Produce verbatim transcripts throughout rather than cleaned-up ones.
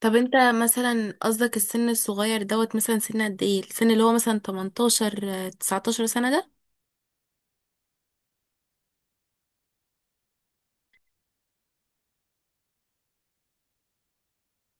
طب انت مثلا، قصدك السن الصغير دوت؟ مثلا سن قد ايه؟ السن اللي هو مثلا تمنتاشر آه، تسعتاشر سنة ده؟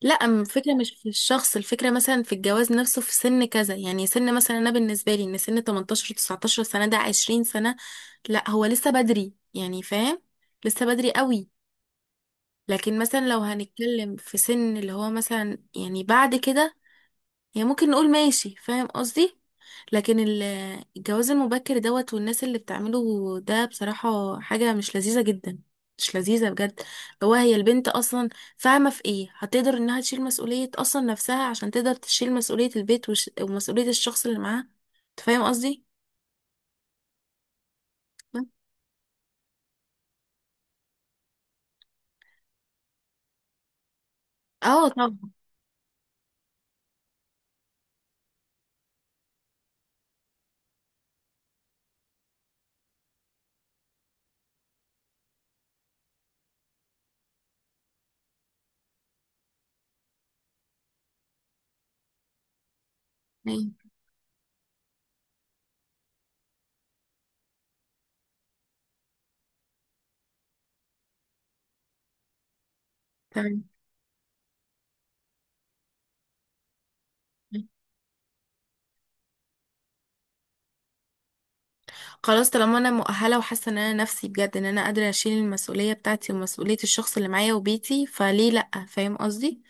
لا، أم الفكرة مش في الشخص، الفكرة مثلا في الجواز نفسه في سن كذا. يعني سن مثلا انا بالنسبة لي ان سن تمنتاشر تسعتاشر سنة ده عشرين سنة. لا، هو لسه بدري يعني، فاهم؟ لسه بدري قوي. لكن مثلا لو هنتكلم في سن اللي هو مثلا، يعني بعد كده، يعني ممكن نقول ماشي، فاهم قصدي؟ لكن ال- الجواز المبكر دوت والناس اللي بتعمله ده بصراحة حاجة مش لذيذة جدا، مش لذيذة بجد. هو هي البنت أصلا فاهمة في إيه؟ هتقدر إنها تشيل مسؤولية أصلا نفسها عشان تقدر تشيل مسؤولية البيت وش... ومسؤولية الشخص اللي معاها. أنت فاهم قصدي؟ اه، طبعا. أيوة، تمام. خلاص طالما انا مؤهله وحاسه ان انا نفسي بجد ان انا قادره اشيل المسؤوليه بتاعتي ومسؤوليه الشخص اللي معايا وبيتي، فليه لا؟ فاهم قصدي.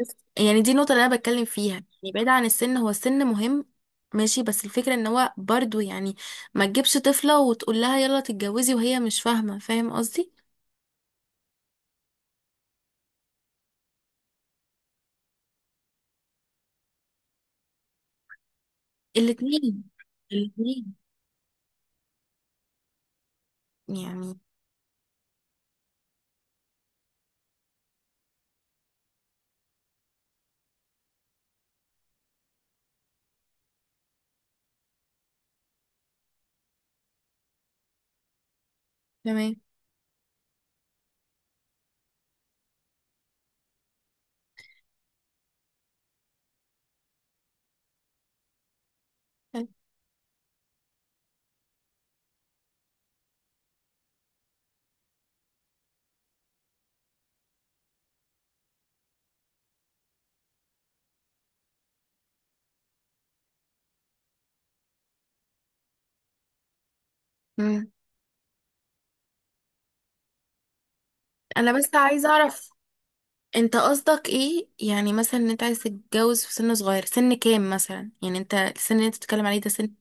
بس يعني دي النقطة اللي أنا بتكلم فيها، يعني بعيد عن السن. هو السن مهم، ماشي، بس الفكرة ان هو برضو، يعني ما تجيبش طفلة وتقول لها يلا تتجوزي وهي مش فاهمة، فاهم قصدي؟ الاتنين. الاتنين يعني. تمام. حلو. مم. انا بس عايزة اعرف، انت قصدك ايه؟ يعني مثلا ان انت عايز تتجوز في سن صغير، سن كام مثلا؟ يعني انت السن اللي انت بتتكلم عليه ده سن،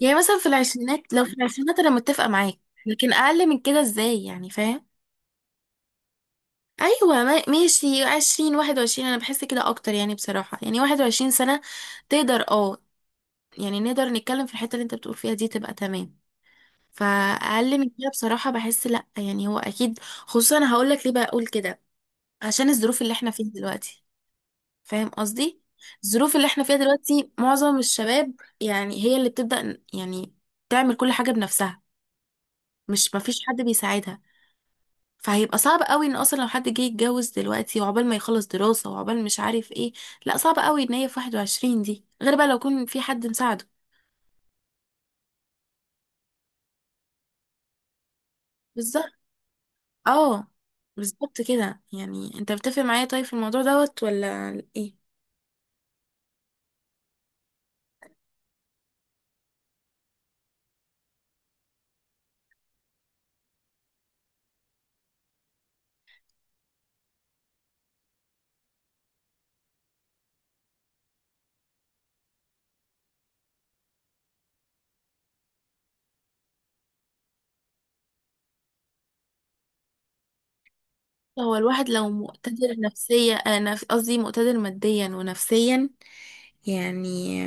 يعني مثلا في العشرينات؟ لو في العشرينات انا متفقة معاك، لكن اقل من كده ازاي يعني، فاهم؟ ايوه ما- ماشي، عشرين واحد وعشرين انا بحس كده اكتر يعني، بصراحة يعني واحد وعشرين سنة تقدر، اه، يعني نقدر نتكلم في الحتة اللي انت بتقول فيها دي، تبقى تمام. فاقل من كده بصراحة بحس لا، يعني هو اكيد. خصوصا انا هقول لك ليه بقول كده، عشان الظروف اللي احنا فيها دلوقتي، فاهم قصدي؟ الظروف اللي احنا فيها دلوقتي معظم الشباب، يعني هي اللي بتبدأ يعني تعمل كل حاجة بنفسها، مش مفيش حد بيساعدها. فهيبقى صعب قوي ان اصلا لو حد جه يتجوز دلوقتي، وعقبال ما يخلص دراسة وعقبال مش عارف ايه. لا صعب قوي ان هي في واحد وعشرين دي، غير بقى لو يكون في حد مساعده. بالظبط. اه، بالظبط كده. يعني انت بتتفق معايا طيب في الموضوع دوت ولا ايه؟ هو الواحد لو مقتدر نفسيا، آه، نف- قصدي مقتدر ماديا ونفسيا، يعني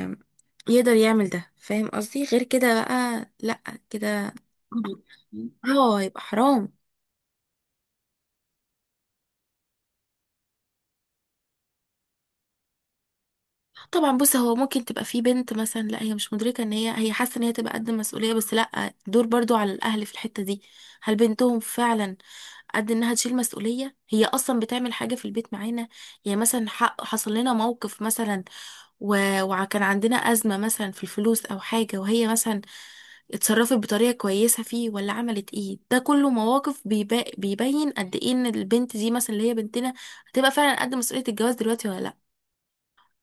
يقدر يعمل ده، فاهم قصدي؟ غير كده بقى لا كده. اه، يبقى حرام. طبعا، بص هو ممكن تبقى في بنت مثلا لا هي مش مدركه ان هي هي حاسه ان هي تبقى قد المسؤوليه، بس لا، دور برضو على الاهل في الحته دي. هل بنتهم فعلا قد انها تشيل مسؤوليه؟ هي اصلا بتعمل حاجه في البيت معانا؟ يعني مثلا ح- حصل لنا موقف مثلا، و- وكان عندنا ازمه مثلا في الفلوس او حاجه، وهي مثلا اتصرفت بطريقه كويسه فيه ولا عملت ايه. ده كله مواقف بيبا- بيبين قد ايه ان البنت دي مثلا اللي هي بنتنا هتبقى فعلا قد مسؤوليه الجواز دلوقتي ولا لا.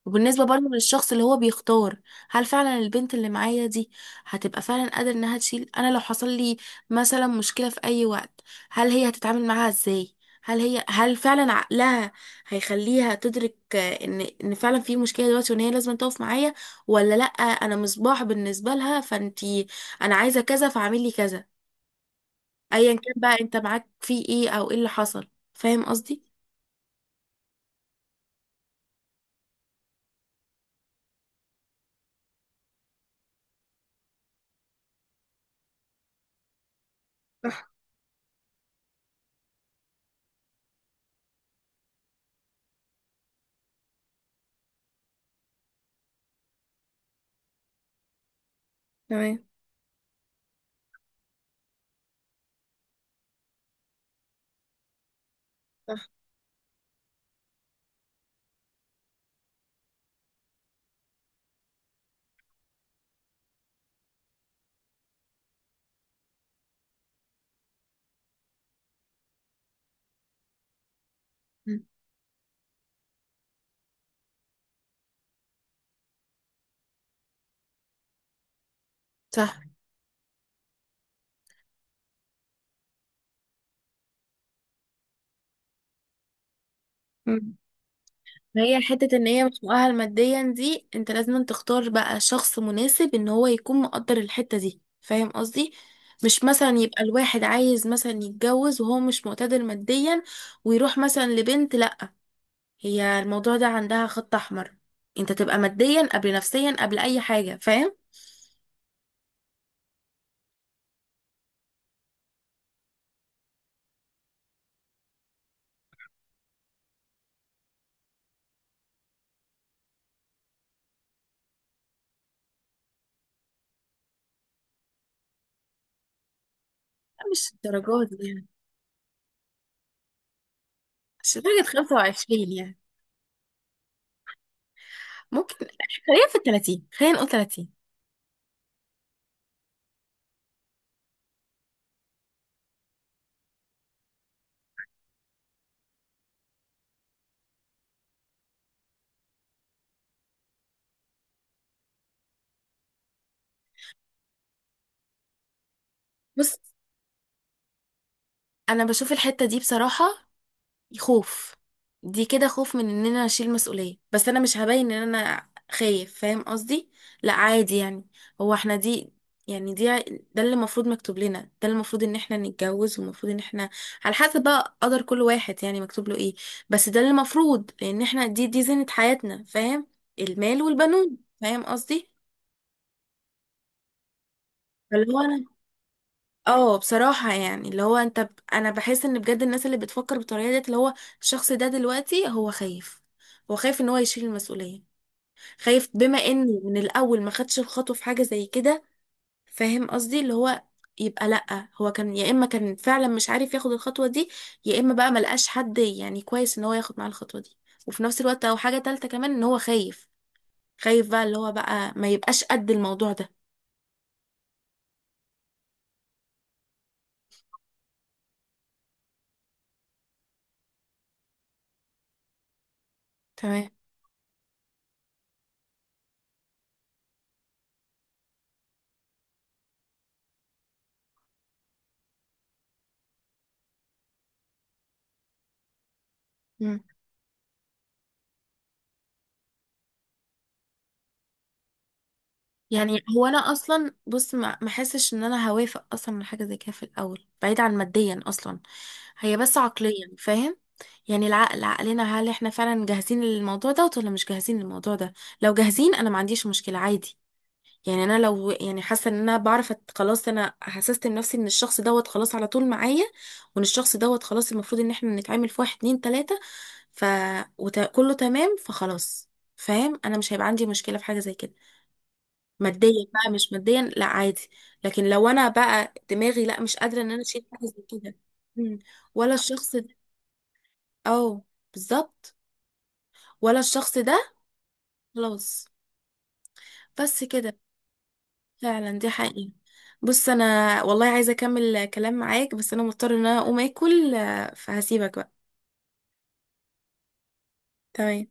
وبالنسبة برضه للشخص اللي هو بيختار، هل فعلا البنت اللي معايا دي هتبقى فعلا قادرة انها تشيل؟ انا لو حصل لي مثلا مشكلة في اي وقت، هل هي هتتعامل معاها ازاي؟ هل هي هل فعلا عقلها هيخليها تدرك آه، ان ان فعلا في مشكلة دلوقتي، وان هي لازم تقف معايا ولا لا؟ انا مصباح بالنسبة لها، فانتي انا عايزة كذا فاعملي كذا، ايا كان بقى انت معاك في ايه او ايه اللي حصل، فاهم قصدي؟ صح. تمام. صح. مم. صح. هي حتة ان هي مش مؤهل ماديا دي، انت لازم تختار بقى شخص مناسب ان هو يكون مقدر الحتة دي، فاهم قصدي؟ مش مثلا يبقى الواحد عايز مثلا يتجوز وهو مش مقتدر ماديا، ويروح مثلا لبنت، لا. هي الموضوع ده عندها خط احمر، انت تبقى ماديا قبل نفسيا قبل اي حاجة، فاهم؟ لا، مش الدرجات دي يعني، مش لدرجة خمسة وعشرين يعني، ممكن. خلينا في ال تلاتين، خلينا نقول تلاتين. بص انا بشوف الحتة دي بصراحة خوف. دي كده خوف من ان انا اشيل مسؤولية، بس انا مش هبين ان انا خايف، فاهم قصدي؟ لا عادي يعني. هو احنا دي، يعني دي، ده اللي المفروض مكتوب لنا، ده اللي المفروض ان احنا نتجوز، والمفروض ان احنا على حسب بقى قدر كل واحد، يعني مكتوب له ايه. بس ده اللي المفروض، لان احنا دي دي زينة حياتنا، فاهم؟ المال والبنون، فاهم قصدي؟ فاللي هو انا، اه بصراحة يعني اللي هو انت ب... انا بحس ان بجد الناس اللي بتفكر بالطريقة ديت، اللي هو الشخص ده دلوقتي هو خايف، هو خايف ان هو يشيل المسؤولية، خايف بما انه من الاول ما خدش الخطوة في حاجة زي كده، فاهم قصدي؟ اللي هو يبقى لأ، هو كان يا اما كان فعلا مش عارف ياخد الخطوة دي، يا اما بقى ملقاش حد يعني كويس ان هو ياخد معاه الخطوة دي، وفي نفس الوقت او حاجة تالتة كمان ان هو خايف، خايف بقى اللي هو بقى ما يبقاش قد الموضوع ده. تمام. يعني هو انا اصلا، بص ما ما حسش ان انا هوافق اصلا من حاجه زي كده في الاول، بعيد عن ماديا اصلا، هي بس عقليا، فاهم؟ يعني العقل، عقلنا هل احنا فعلا جاهزين للموضوع ده ولا مش جاهزين للموضوع ده؟ لو جاهزين انا ما عنديش مشكله، عادي. يعني انا لو، يعني حاسه ان انا بعرف أت- خلاص، انا حسست نفسي ان الشخص دوت خلاص على طول معايا، وان الشخص دوت خلاص المفروض ان احنا نتعامل في واحد اتنين تلاته، ف وت... كله تمام، فخلاص، فاهم. انا مش هيبقى عندي مشكله في حاجه زي كده. ماديا بقى مش ماديا، لا عادي. لكن لو انا بقى دماغي لا، مش قادره ان انا اشيل حاجه زي كده. مم. ولا الشخص ده. اه. بالظبط. ولا الشخص ده. خلاص. بس كده. فعلا دي حقيقة. بص انا والله عايزه اكمل كلام معاك، بس انا مضطره ان انا اقوم اكل، آه، فهسيبك بقى. تمام.